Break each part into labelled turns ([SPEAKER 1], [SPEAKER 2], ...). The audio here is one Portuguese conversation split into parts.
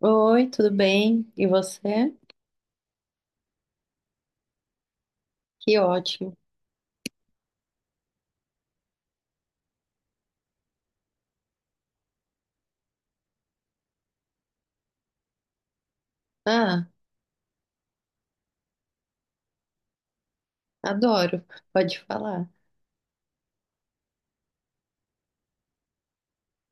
[SPEAKER 1] Oi, tudo bem? E você? Que ótimo. Ah, adoro. Pode falar. O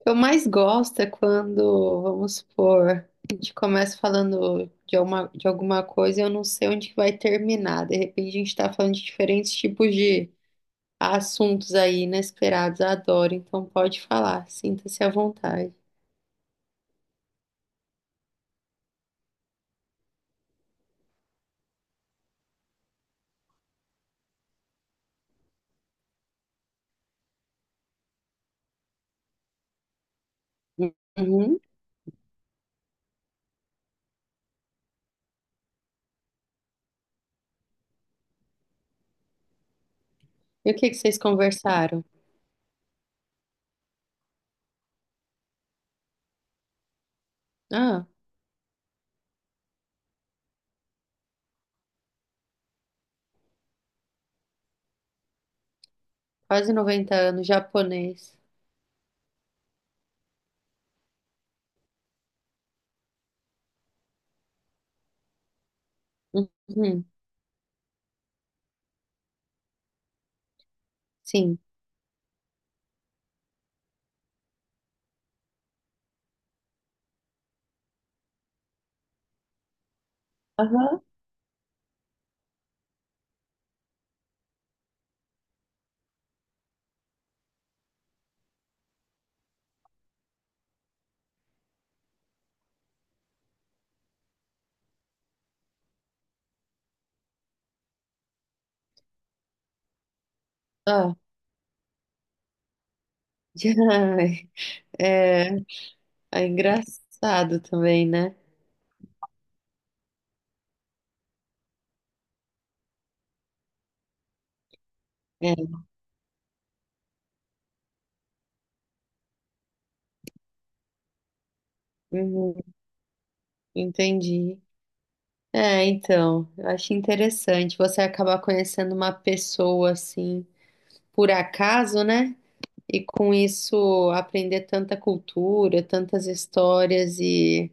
[SPEAKER 1] que eu mais gosto é quando, vamos supor, a gente começa falando de alguma coisa e eu não sei onde que vai terminar. De repente a gente está falando de diferentes tipos de assuntos aí inesperados. Adoro. Então pode falar. Sinta-se à vontade. Uhum. E o que que vocês conversaram? Ah, quase 90 anos, japonês. Uhum. Sim. Aham. Ai, é, é engraçado também, né? É, uhum, entendi. É, então, eu acho interessante você acabar conhecendo uma pessoa assim, por acaso, né? E com isso aprender tanta cultura, tantas histórias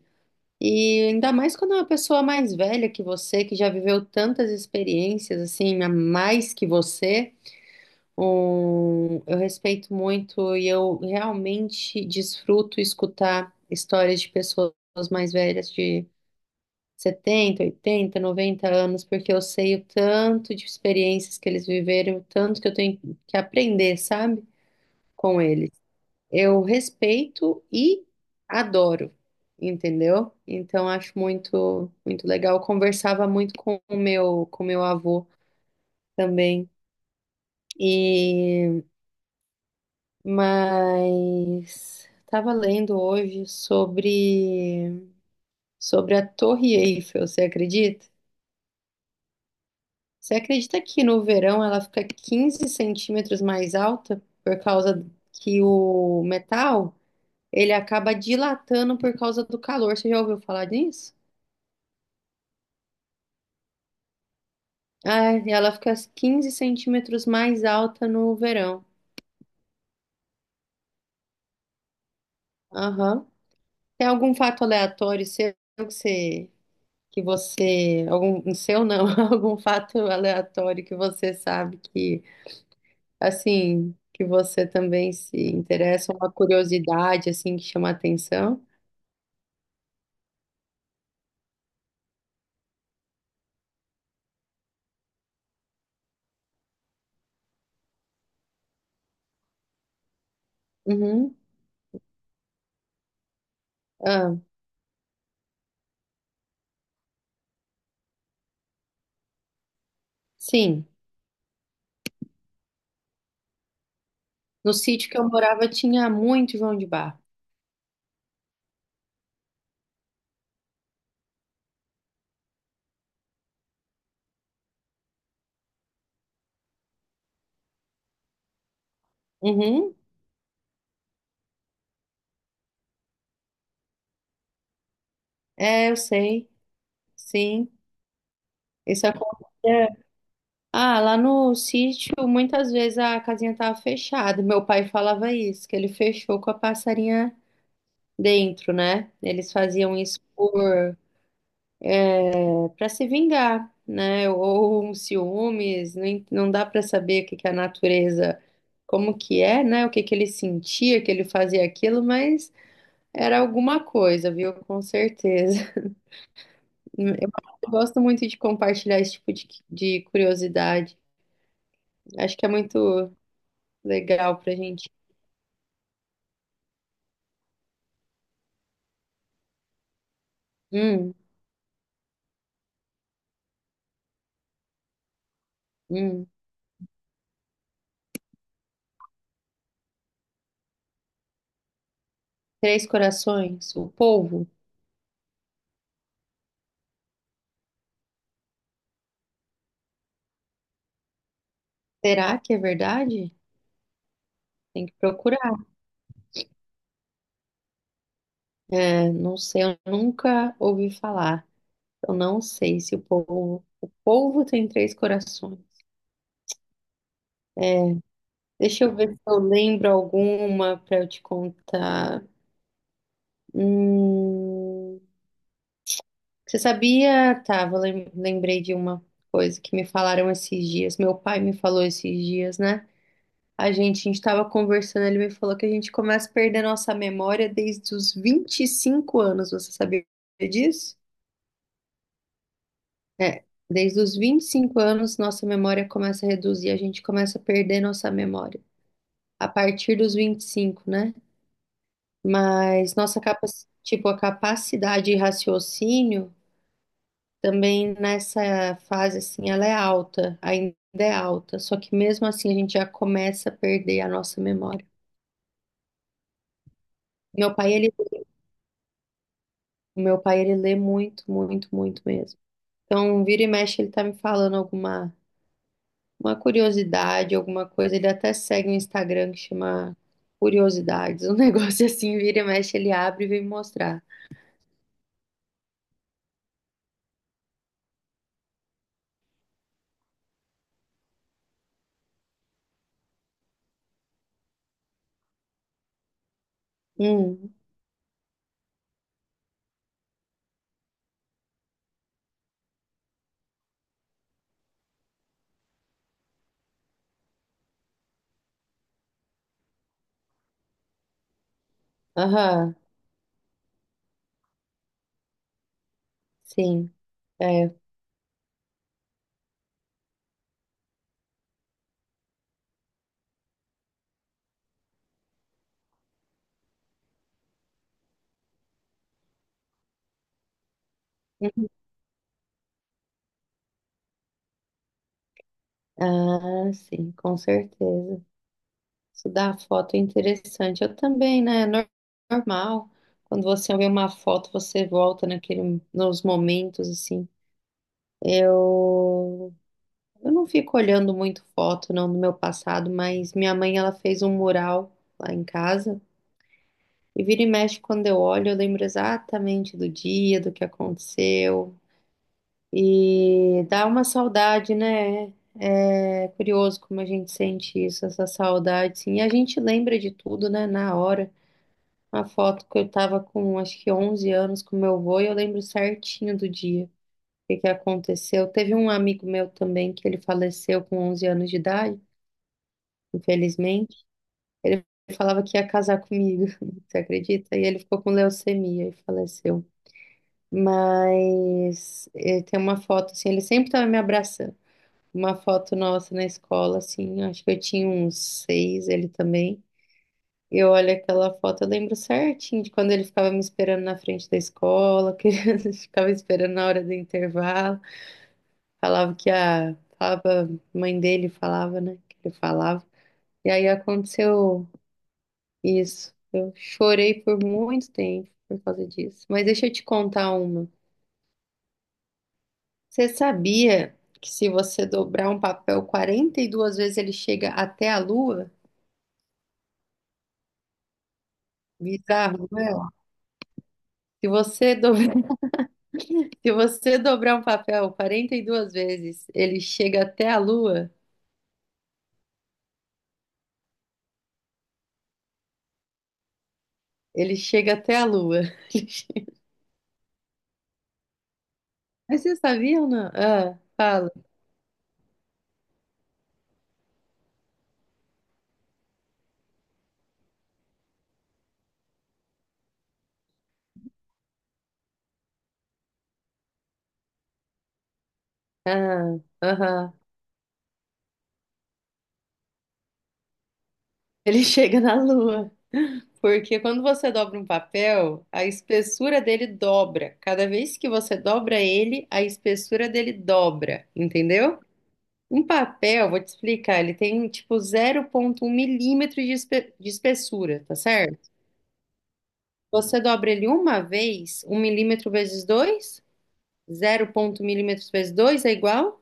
[SPEAKER 1] e ainda mais quando é uma pessoa mais velha que você, que já viveu tantas experiências assim, a mais que você. Um, eu respeito muito e eu realmente desfruto escutar histórias de pessoas mais velhas de 70, 80, 90 anos, porque eu sei o tanto de experiências que eles viveram, o tanto que eu tenho que aprender, sabe, com eles. Eu respeito e adoro, entendeu? Então acho muito, muito legal. Eu conversava muito com o meu avô também. E mas estava lendo hoje sobre a Torre Eiffel, você acredita? Você acredita que no verão ela fica 15 centímetros mais alta por causa que o metal ele acaba dilatando por causa do calor? Você já ouviu falar disso? Ah, e ela fica 15 centímetros mais alta no verão. Aham. Tem algum fato aleatório seu que você algum, não seu não, algum fato aleatório que você sabe que, assim, que você também se interessa, uma curiosidade, assim, que chama a atenção? Uhum. Ah, sim, no sítio que eu morava tinha muito João de Barro. Uhum. É, eu sei, sim, isso acontecia. Ah, lá no sítio, muitas vezes a casinha tava fechada. Meu pai falava isso, que ele fechou com a passarinha dentro, né? Eles faziam isso por para se vingar, né? Ou um ciúmes, não dá para saber o que que a natureza, como que é, né? O que que ele sentia, que ele fazia aquilo, mas era alguma coisa, viu? Com certeza. Eu gosto muito de compartilhar esse tipo de curiosidade. Acho que é muito legal pra gente. Hum, hum. Três corações, o polvo. Será que é verdade? Tem que procurar. É, não sei, eu nunca ouvi falar. Eu não sei se o povo. O povo tem três corações. Deixa eu ver se eu lembro alguma para eu te contar. Hum, você sabia? Tá, lembrei de uma coisa que me falaram esses dias. Meu pai me falou esses dias, né? A gente estava conversando, ele me falou que a gente começa a perder nossa memória desde os 25 anos. Você sabia disso? É, desde os 25 anos, nossa memória começa a reduzir, a gente começa a perder nossa memória, a partir dos 25, né? Mas tipo, a capacidade de raciocínio também nessa fase assim, ela é alta, ainda é alta, só que mesmo assim a gente já começa a perder a nossa memória. Meu pai, ele, o meu pai, ele lê muito mesmo. Então, vira e mexe, ele tá me falando alguma uma curiosidade, alguma coisa. Ele até segue um Instagram que chama Curiosidades. Um negócio assim, vira e mexe, ele abre e vem me mostrar. Hum, aham. Sim, é. Uhum. Ah, sim, com certeza. Estudar a foto é interessante. Eu também, né? É normal. Quando você vê uma foto, você volta naquele, nos momentos, assim. Eu, eu não fico olhando muito foto, não, do meu passado, mas minha mãe, ela fez um mural lá em casa. E vira e mexe, quando eu olho, eu lembro exatamente do dia, do que aconteceu. E dá uma saudade, né? É curioso como a gente sente isso, essa saudade, sim. E a gente lembra de tudo, né, na hora. Uma foto que eu tava com, acho que 11 anos com meu avô e eu lembro certinho do dia, o que que aconteceu. Teve um amigo meu também que ele faleceu com 11 anos de idade, infelizmente. Ele falava que ia casar comigo, você acredita? E ele ficou com leucemia e faleceu. Mas eh, tem uma foto assim, ele sempre estava me abraçando, uma foto nossa na escola, assim, acho que eu tinha uns seis, ele também. Eu olho aquela foto, eu lembro certinho de quando ele ficava me esperando na frente da escola, que ele ficava esperando na hora do intervalo, falava que a, falava, a mãe dele falava, né, que ele falava. E aí aconteceu isso. Eu chorei por muito tempo por causa disso. Mas deixa eu te contar uma. Você sabia que se você dobrar um papel 42 vezes ele chega até a lua? Bizarro, né? Se você dobrar, se você dobrar um papel 42 vezes, ele chega até a lua. Ele chega até a lua. Ele chega- Mas você sabia ou não? Ah, fala. Ah, aham. Ele chega na lua. Porque quando você dobra um papel, a espessura dele dobra. Cada vez que você dobra ele, a espessura dele dobra. Entendeu? Um papel, vou te explicar, ele tem tipo 0,1 milímetro de espessura, tá certo? Você dobra ele uma vez, um milímetro vezes 2, 0,1 milímetros vezes 2 é igual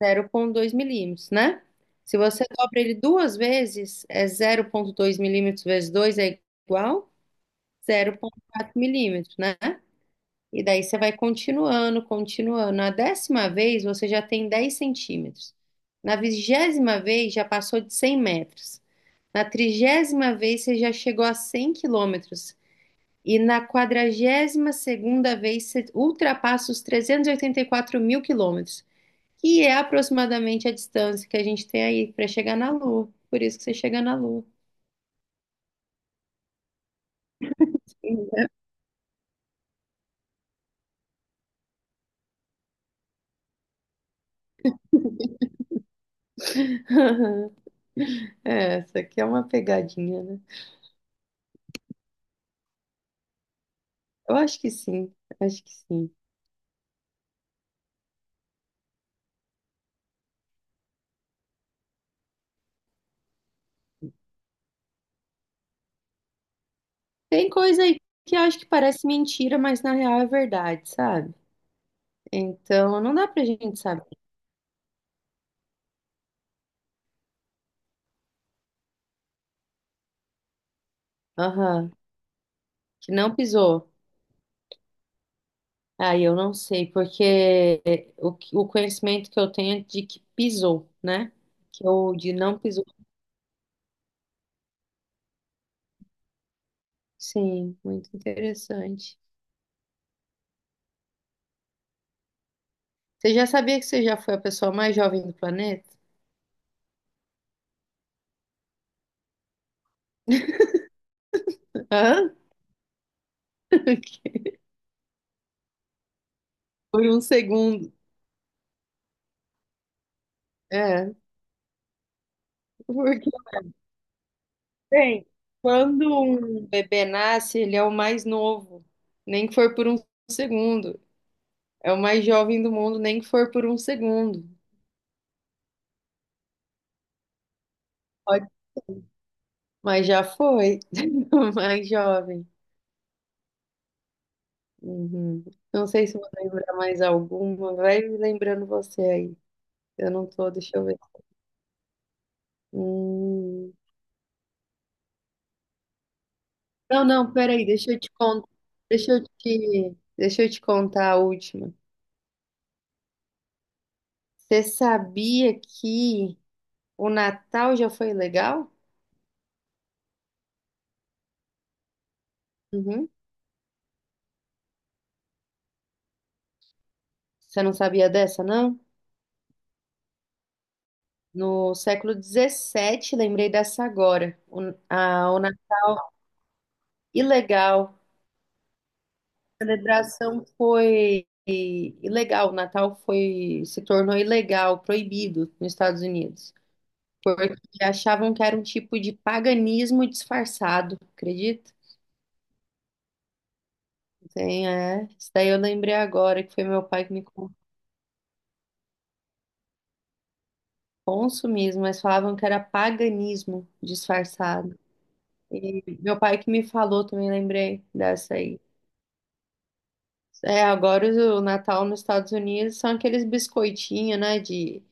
[SPEAKER 1] a zero ponto dois milímetros, né? Se você dobra ele duas vezes, é zero ponto dois milímetros vezes 2 é igual a zero ponto quatro milímetros, né? E daí você vai continuando. Na décima vez, você já tem 10 centímetros. Na vigésima vez, já passou de 100 metros. Na trigésima vez, você já chegou a 100 quilômetros. E na quadragésima segunda vez ultrapassa os 384 mil quilômetros, que é aproximadamente a distância que a gente tem aí para chegar na Lua. Por isso que você chega na Lua. É, essa aqui é uma pegadinha, né? Eu acho que sim, acho que sim. Tem coisa aí que eu acho que parece mentira, mas na real é verdade, sabe? Então não dá pra gente saber. Aham, que não pisou. Ah, eu não sei, porque o conhecimento que eu tenho é de que pisou, né? Que eu de não pisou. Sim, muito interessante. Você já sabia que você já foi a pessoa mais jovem do planeta? Hã? Por um segundo. É, porque, bem, quando um bebê nasce, ele é o mais novo, nem que for por um segundo. É o mais jovem do mundo, nem que for por um segundo. Pode. Mas já foi, o mais jovem. Uhum. Não sei se vou lembrar mais alguma. Vai lembrando você aí. Eu não tô, deixa eu ver. Hum. Não, não, peraí, deixa eu te contar. Deixa eu te contar a última. Você sabia que o Natal já foi legal? Uhum. Você não sabia dessa, não? No século XVII, lembrei dessa agora. O, a, o, na- Ilegal. Celebração foi ilegal, o Natal foi, se tornou ilegal, proibido nos Estados Unidos, porque achavam que era um tipo de paganismo disfarçado, acredita? Sim, é. Isso daí eu lembrei agora que foi meu pai que me contou consumismo, mas falavam que era paganismo disfarçado. E meu pai que me falou também, lembrei dessa aí. É, agora o Natal nos Estados Unidos são aqueles biscoitinhos, né, de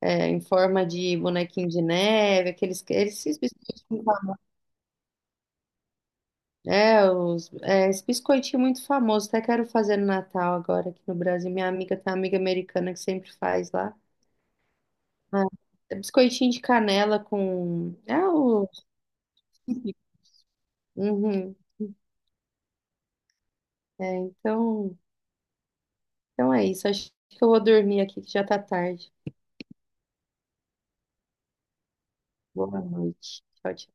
[SPEAKER 1] é, em forma de bonequinho de neve, aqueles, esses biscoitinhos, é, os, é, esse biscoitinho muito famoso, até quero fazer no Natal agora aqui no Brasil. Minha amiga tem uma amiga americana que sempre faz lá. Ah, é biscoitinho de canela com. É o. Uhum. É, então é isso. Acho que eu vou dormir aqui que já tá tarde. Boa noite. Tchau, tchau.